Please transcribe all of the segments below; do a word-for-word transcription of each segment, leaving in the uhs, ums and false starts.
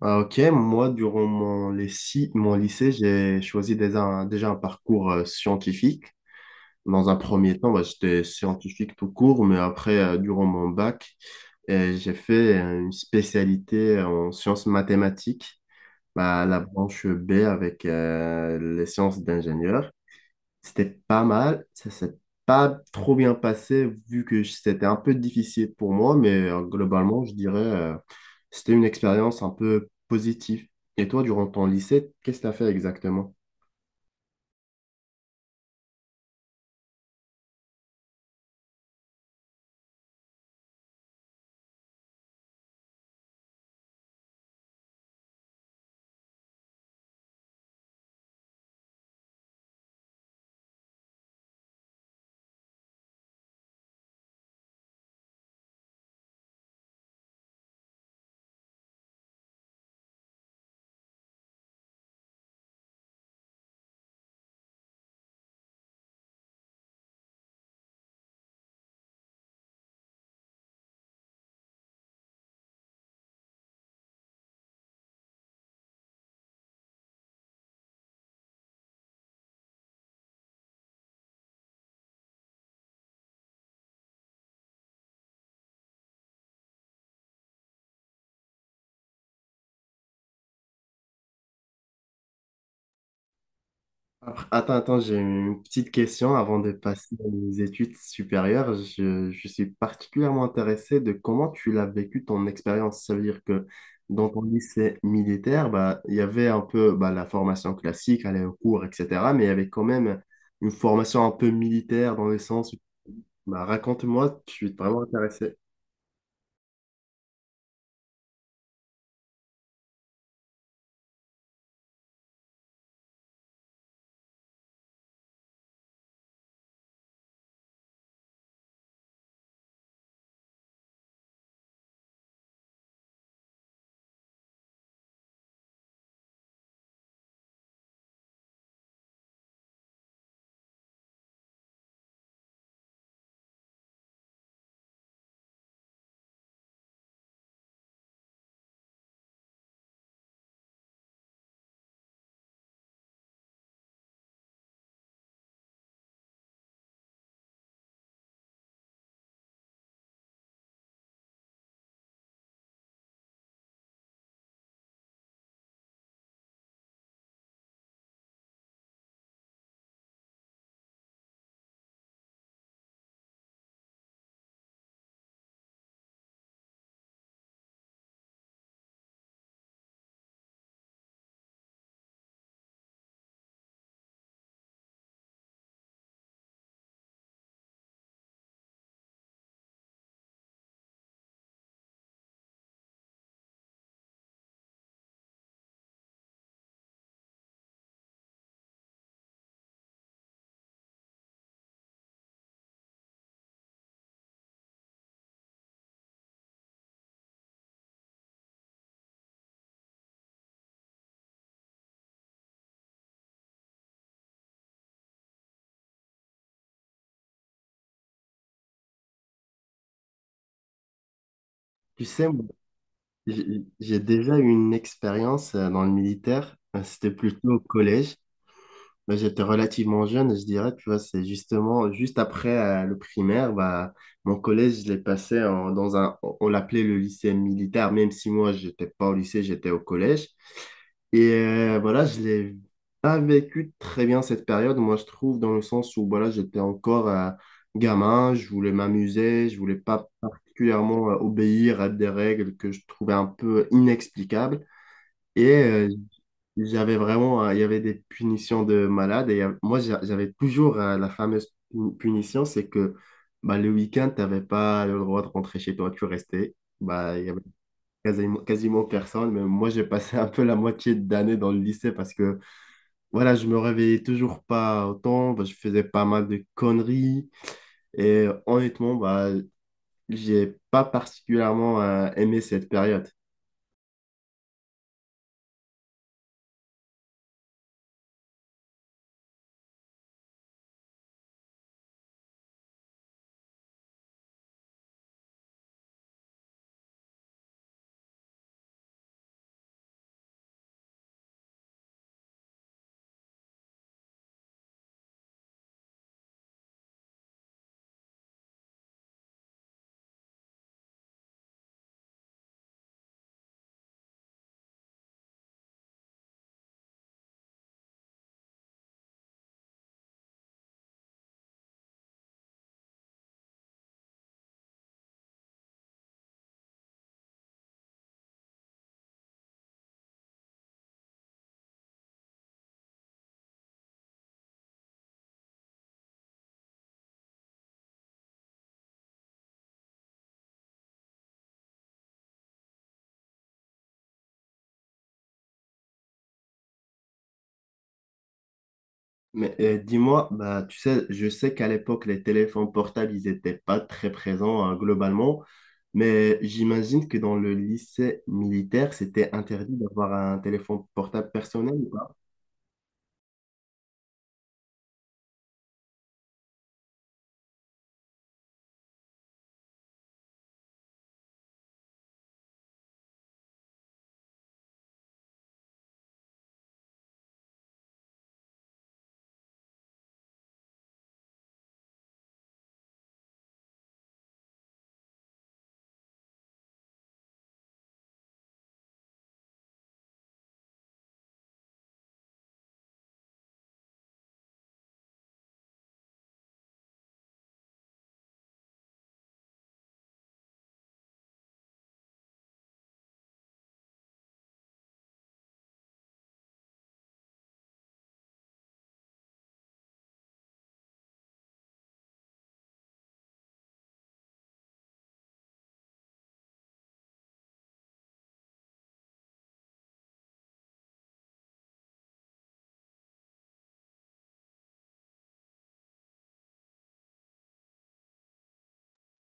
Ah, ok, moi, durant mon, lycée, mon lycée, j'ai choisi déjà un, déjà un parcours euh, scientifique. Dans un premier temps, bah, j'étais scientifique tout court, mais après, euh, durant mon bac, euh, j'ai fait euh, une spécialité euh, en sciences mathématiques, bah, la branche B avec euh, les sciences d'ingénieur. C'était pas mal, ça s'est pas trop bien passé vu que je- c'était un peu difficile pour moi, mais euh, globalement, je dirais euh, c'était une expérience un peu positive. Et toi, durant ton lycée, qu'est-ce que tu as fait exactement? Après- Attends, attends, j'ai une petite question avant de passer aux études supérieures. Je, je suis particulièrement intéressé de comment tu l'as vécu ton expérience. Ça veut dire que dans ton lycée militaire, bah, il y avait un peu bah, la formation classique, aller au cours, et cetera. Mais il y avait quand même une formation un peu militaire dans le sens où, bah, raconte-moi, je suis vraiment intéressé. Tu sais, moi, j'ai j'ai déjà eu une expérience euh, dans le militaire. Euh, C'était plutôt au collège. Bah, j'étais relativement jeune, je dirais, tu vois, c'est justement juste après euh, le primaire, bah, mon collège, je l'ai passé en- dans un, on on l'appelait le lycée militaire, même si moi, j'étais pas au lycée, j'étais au collège. Et euh, voilà, je l'ai pas vécu très bien cette période, moi, je trouve, dans le sens où, voilà, j'étais encore euh, gamin, je voulais m'amuser, je voulais pas particulièrement euh, obéir à des règles que je trouvais un peu inexplicables. Et euh, j'avais vraiment, euh, il y avait des punitions de malade. Et il y a- moi, j'a- j'avais toujours euh, la fameuse pu- punition, c'est que bah, le week-end, tu n'avais pas le droit de rentrer chez toi, tu restais. Bah, il y avait quasiment, quasiment personne. Mais moi, j'ai passé un peu la moitié d'année dans le lycée parce que voilà, je me réveillais toujours pas autant. Bah, je faisais pas mal de conneries. Et euh, honnêtement, bah, j'ai pas particulièrement euh, aimé cette période. Mais euh, dis-moi, bah, tu sais, je sais qu'à l'époque, les téléphones portables, ils n'étaient pas très présents hein, globalement, mais j'imagine que dans le lycée militaire, c'était interdit d'avoir un téléphone portable personnel ou pas?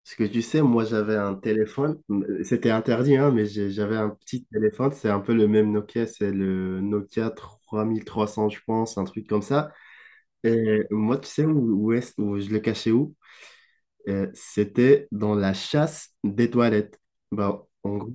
Parce que tu sais, moi, j'avais un téléphone, euh, c'était interdit, hein, mais j'ai- j'avais un petit téléphone, c'est un peu le même Nokia, c'est le Nokia trois trois mille trois cents je pense, un truc comme ça. Et moi, tu sais où, où est où je le cachais où? Euh, c'était dans la chasse des toilettes. Bah, en gros,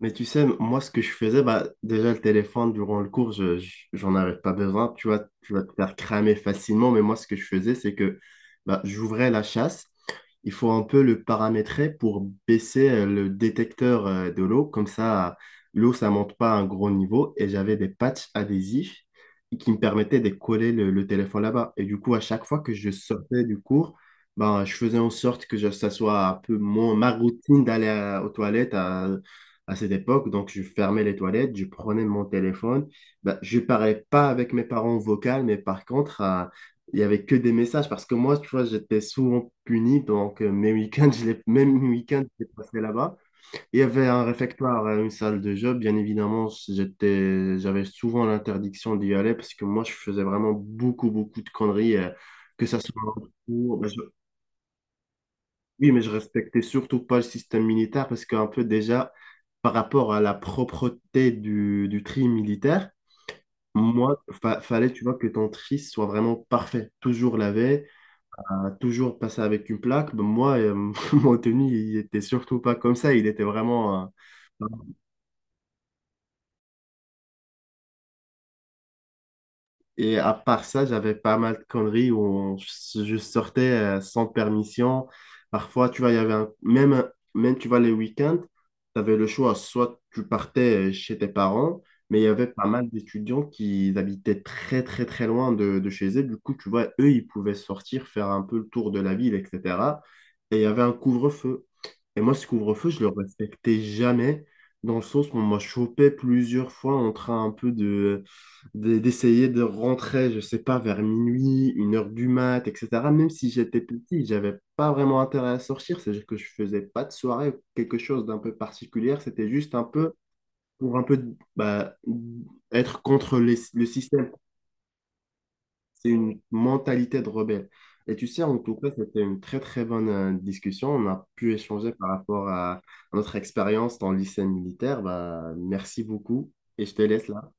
mais tu sais, moi, ce que je faisais, bah, déjà, le téléphone, durant le cours, je, je- j'en avais pas besoin. Tu vois, tu vas te faire cramer facilement. Mais moi, ce que je faisais, c'est que bah, j'ouvrais la chasse, il faut un peu le paramétrer pour baisser euh, le détecteur euh, de l'eau. Comme ça, l'eau, ça monte pas à un gros niveau. Et j'avais des patchs adhésifs qui me permettaient de coller le, le téléphone là-bas. Et du coup, à chaque fois que je sortais du cours, ben, je faisais en sorte que je- ça soit un peu mon, ma routine d'aller à- aux toilettes à, à cette époque. Donc, je fermais les toilettes, je prenais mon téléphone. Ben, je parlais pas avec mes parents vocal, mais par contre, euh, il y avait que des messages parce que moi, tu vois, j'étais souvent puni. Donc, euh, mes week-ends, je les, même mes week-ends, je les passais là-bas. Il y avait un réfectoire, euh, une salle de jeu. Bien évidemment, j'étais, j'avais souvent l'interdiction d'y aller parce que moi, je faisais vraiment beaucoup, beaucoup de conneries. Euh, que ça soit en cours. Ben, je- Oui, mais je respectais surtout pas le système militaire parce qu'un peu déjà, par rapport à la propreté du, du tri militaire, moi, fa- fallait, tu vois, que ton tri soit vraiment parfait, toujours lavé, a toujours passé avec une plaque. Ben, moi, euh, mon tenue, il était surtout pas comme ça. Il était vraiment. Euh, Et à part ça, j'avais pas mal de conneries où on- je sortais euh, sans permission. Parfois, tu vois, il y avait un- même, un- même, tu vois, les week-ends, tu avais le choix. Soit tu partais euh, chez tes parents, mais il y avait pas mal d'étudiants qui habitaient très, très, très loin de, de chez eux. Du coup, tu vois, eux, ils pouvaient sortir, faire un peu le tour de la ville, et cetera. Et il y avait un couvre-feu. Et moi, ce couvre-feu, je le respectais jamais, dans le sens où on m'a chopé plusieurs fois en train un peu de, de- d'essayer de rentrer, je sais pas, vers minuit, une heure du mat, et cetera. Même si j'étais petit, j'avais pas vraiment intérêt à sortir, c'est-à-dire que je faisais pas de soirée ou quelque chose d'un peu particulier, c'était juste un peu pour un peu bah, être contre les- le système. C'est une mentalité de rebelle. Et tu sais, en tout cas, c'était une très très bonne euh, discussion. On a pu échanger par rapport à notre expérience dans le lycée militaire. Bah, merci beaucoup et je te laisse là.